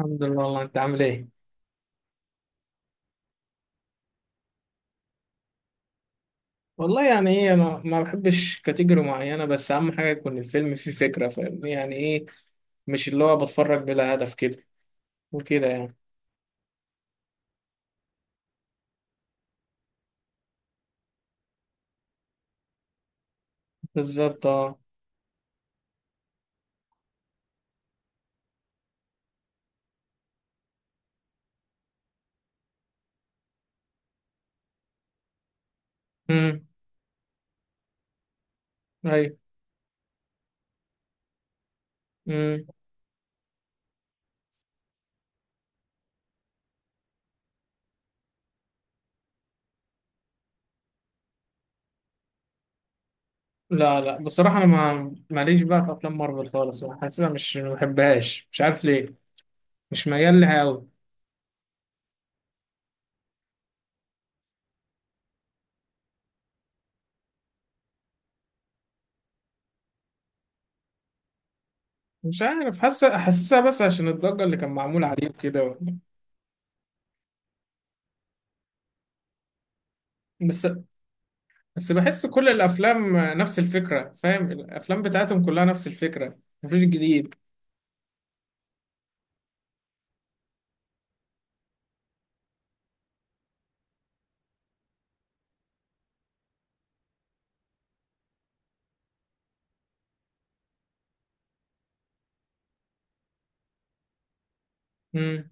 الحمد لله. والله انت عامل ايه؟ والله يعني ايه، انا ما بحبش كاتيجوري معينه، بس اهم حاجه يكون الفيلم فيه فكره، فاهمني يعني ايه؟ مش اللي هو بتفرج بلا هدف كده وكده يعني. بالظبط اه. امم. ايوه. امم. لا لا، بصراحه انا ما ماليش بقى في افلام مارفل خالص، حاسسها مش، ما بحبهاش، مش عارف ليه. مش ميال لها قوي. مش عارف، حاسسها بس عشان الضجه اللي كان معمول عليه وكده. بس. بس بحس كل الافلام نفس الفكره، فاهم؟ الافلام بتاعتهم كلها نفس الفكره، مفيش جديد. امم.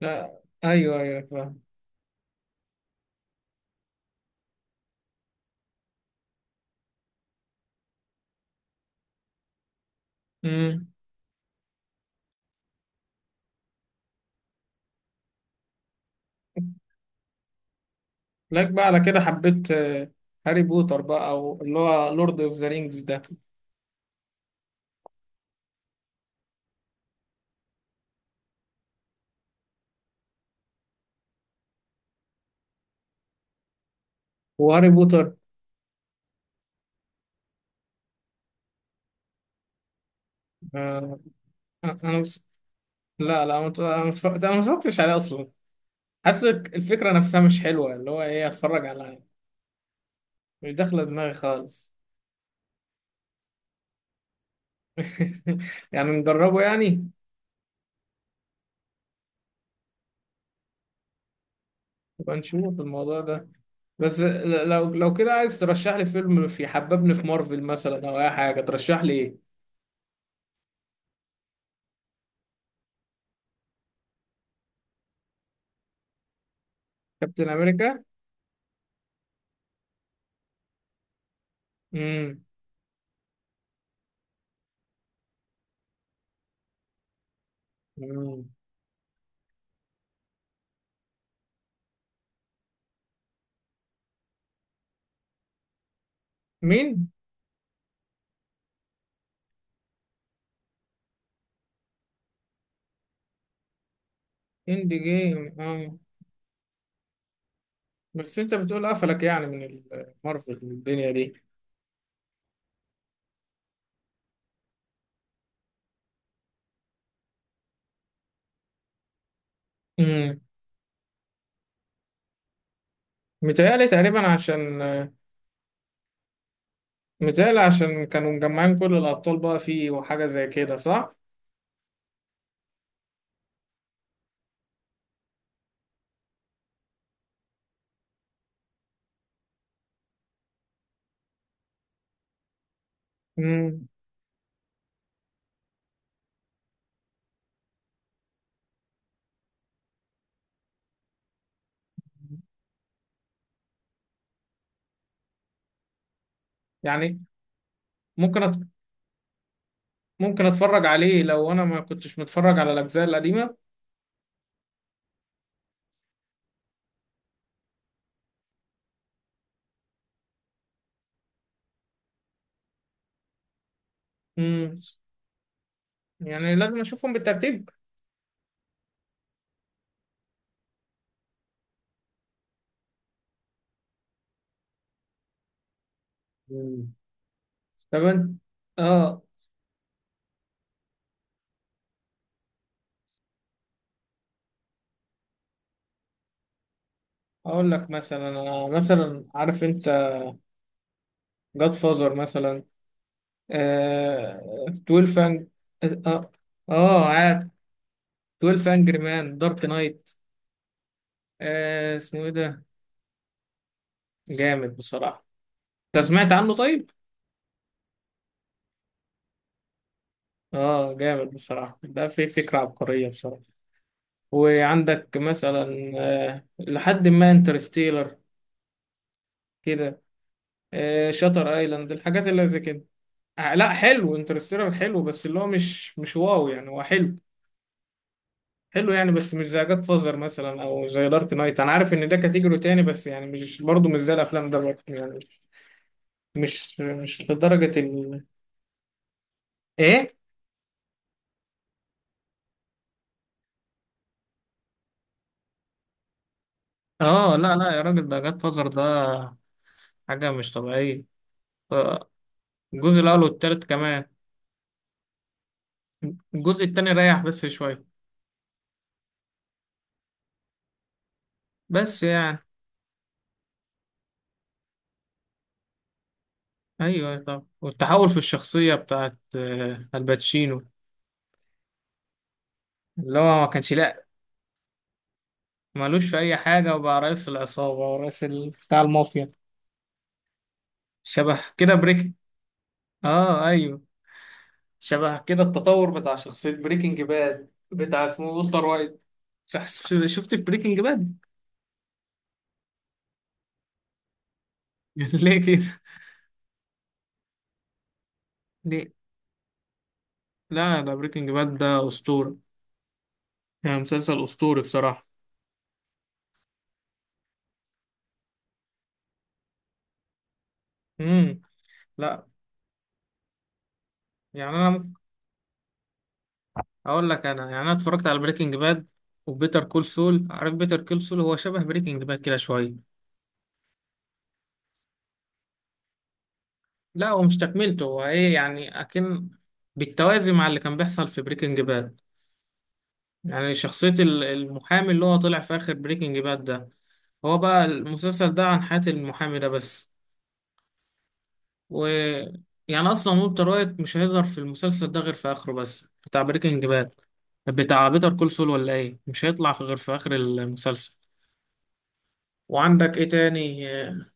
لا ايوه ايوه فاهم. امم. لك بقى على كده حبيت هاري بوتر بقى، او اللي هو لورد اوف ذا رينجز ده. وهاري بوتر. آه. انا بس. لا لا، أنا مت- أنا متف- أنا ما اتفرجتش عليه اصلا. حاسس الفكره نفسها مش حلوه، اللي هو ايه، اتفرج على، مش داخله دماغي خالص. يعني نجربه يعني. يبقى نشوف الموضوع ده. بس لو كده عايز ترشح لي فيلم في حببني في مارفل مثلا او اي حاجه، ترشح لي ايه؟ كابتن امريكا. امم. أمم. مين؟ اند جيم اه. بس انت بتقول قفلك يعني من مارفل والدنيا دي؟ امم. متهيألي تقريبا عشان، متهيألي عشان كانوا مجمعين كل الابطال بقى فيه، وحاجه زي كده، صح؟ امم. يعني ممكن أت... ممكن اتفرج عليه لو انا ما كنتش متفرج على الاجزاء القديمه؟ امم. يعني لازم اشوفهم بالترتيب. طب انت. اه. اقول لك مثلا. انا مثلا، عارف انت جاد فازر مثلا؟ آه. 12 فانج. اه اه. عارف 12 انجري مان، دارك نايت، آه اسمه ايه ده، جامد بصراحة. انت سمعت عنه طيب؟ اه، جامد بصراحة، ده في فكرة عبقرية بصراحة. وعندك مثلا آه لحد ما انترستيلر كده، آه شاتر ايلاند، الحاجات اللي زي كده. آه لا، حلو انترستيلر، حلو، بس اللي هو مش مش واو يعني، هو حلو، حلو يعني، بس مش زي جاد فازر مثلا او زي دارك نايت. انا عارف ان ده كاتيجوري تاني، بس يعني مش برضه، مش زي الافلام ده برضه يعني، مش لدرجة ال. ايه؟ اه لا لا يا راجل، ده جاد فازر ده حاجة مش طبيعية. آه، الجزء الاول والتالت كمان. الجزء التاني ريح بس شوية. بس يعني. ايوه، طب والتحول في الشخصية بتاعت الباتشينو، اللي هو ما كانش، لا، مالوش في اي حاجة، وبقى رئيس العصابة ورئيس بتاع المافيا، شبه كده بريك. اه ايوه، شبه كده التطور بتاع شخصية بريكنج باد بتاع اسمه والتر وايت. شخص شفت في بريكنج باد؟ ليه كده؟ ليه؟ لا ده بريكنج باد ده أسطورة، يعني مسلسل أسطوري بصراحة. امم. لا. يعني أنا ممكن أقول لك، أنا يعني، أنا اتفرجت على بريكنج باد وبيتر كول سول. عارف بيتر كول سول؟ هو شبه بريكنج باد كده شوية. لا، هو مش تكملته، هو إيه يعني، أكن بالتوازي مع اللي كان بيحصل في بريكنج باد. يعني شخصية المحامي اللي هو طلع في آخر بريكنج باد ده، هو بقى المسلسل ده عن حياة المحامي ده بس. و، يعني أصلا والتر وايت مش هيظهر في المسلسل ده غير في آخره بس، بتاع بريكنج باد، بتاع بيتر كول سول، ولا إيه، مش غير في آخر المسلسل. وعندك إيه تاني؟ آه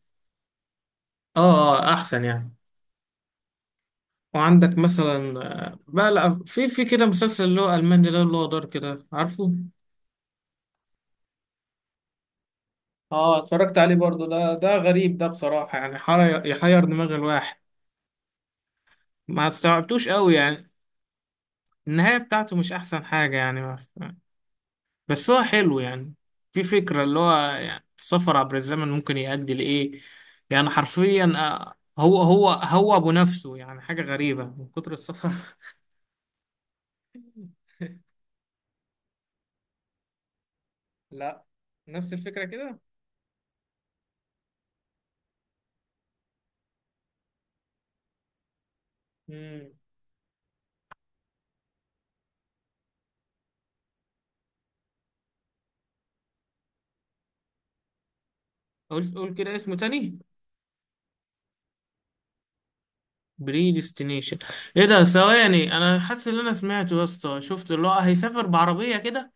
آه، أحسن يعني. وعندك مثلا بقى، لا في كده مسلسل اللي هو ألماني ده اللي هو دار كده، عارفه؟ اه، اتفرجت عليه برضو، ده ده غريب ده بصراحة، يعني يحير دماغ الواحد. ما استوعبتوش قوي يعني. النهاية بتاعته مش أحسن حاجة يعني. بس هو حلو يعني، في فكرة اللي هو يعني السفر عبر الزمن ممكن يؤدي لإيه. يعني حرفيا هو أبو نفسه يعني، حاجة غريبة من كتر السفر. لا. نفس الفكرة كده. امم. قول قول كده اسمه تاني. بريديستنيشن. ايه ده، ثواني، انا حاسس ان انا سمعته يا اسطى. شفت اللي هو هيسافر بعربية كده؟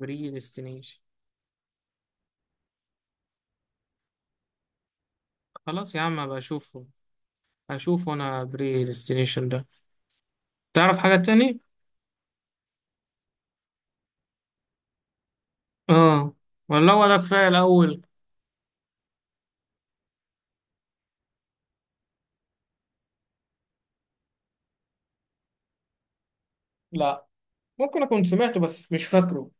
بريديستنيشن. خلاص يا عم بشوفه، اشوفه، اشوفه انا بريديستنيشن ده. تعرف حاجة تاني؟ اه، والله، ولا هو ده كفاية الاول. لا، ممكن اكون سمعته بس مش فاكره.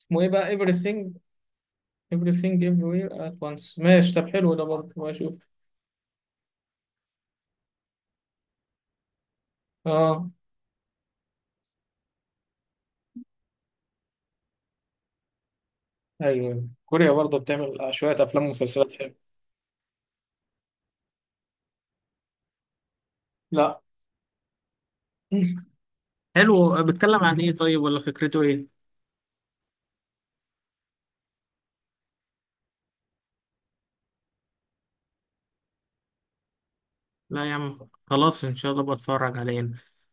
اسمه ايه بقى؟ everything. everything everywhere at once، ماشي، طب حلو ده برضه، واشوف. اه. ايوه، كوريا برضه بتعمل شوية افلام ومسلسلات حلوه. لا، حلو، بيتكلم عن ايه طيب، ولا فكرته ايه؟ لا يا عم خلاص، ان شاء الله بتفرج عليه.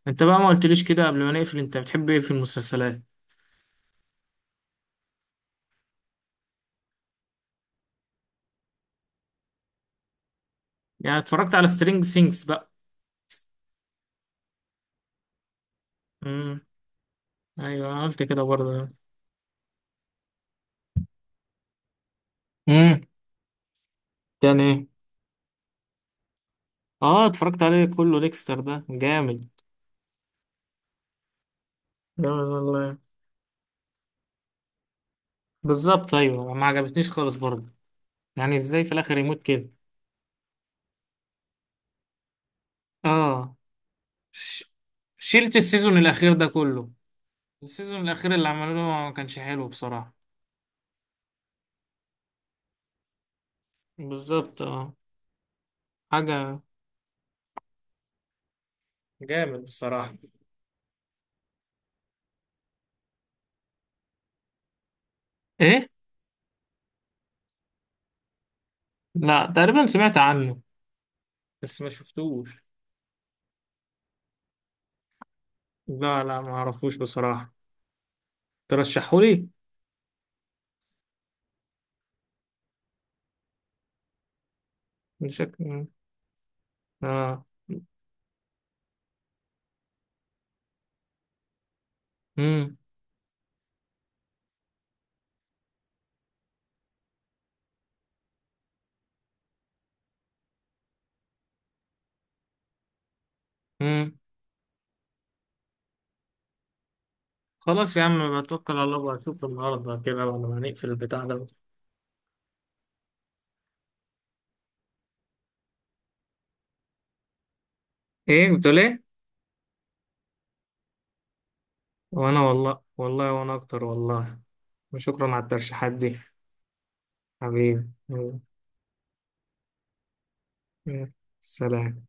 انت بقى ما قلتليش كده قبل ما نقفل، انت بتحب ايه في المسلسلات؟ يعني اتفرجت على سترينج سينجز بقى؟ امم. ايوه أنا قلت كده برضه. امم. كان ايه؟ اه اتفرجت عليه كله، ديكستر ده جامد. لا والله، بالظبط ايوه، ما عجبتنيش خالص برضه. يعني ازاي في الاخر يموت كده. اه. ش... شلت السيزون الاخير ده كله، السيزون الاخير اللي عملوه ما كانش حلو بصراحة. بالظبط اه. حاجة جامد بصراحة. ايه؟ لا تقريبا سمعت عنه بس ما شفتوش. لا لا ما اعرفوش بصراحة، ترشحولي. شكل. اه. امم. امم. خلاص يا عم، بتوكل على الله واشوف النهارده كده بعد ما هنقفل البتاع ده. ايه، قلت ليه؟ وانا والله، والله وانا اكتر والله. وشكرا على الترشيحات دي. حبيبي، يلا. يلا. سلام.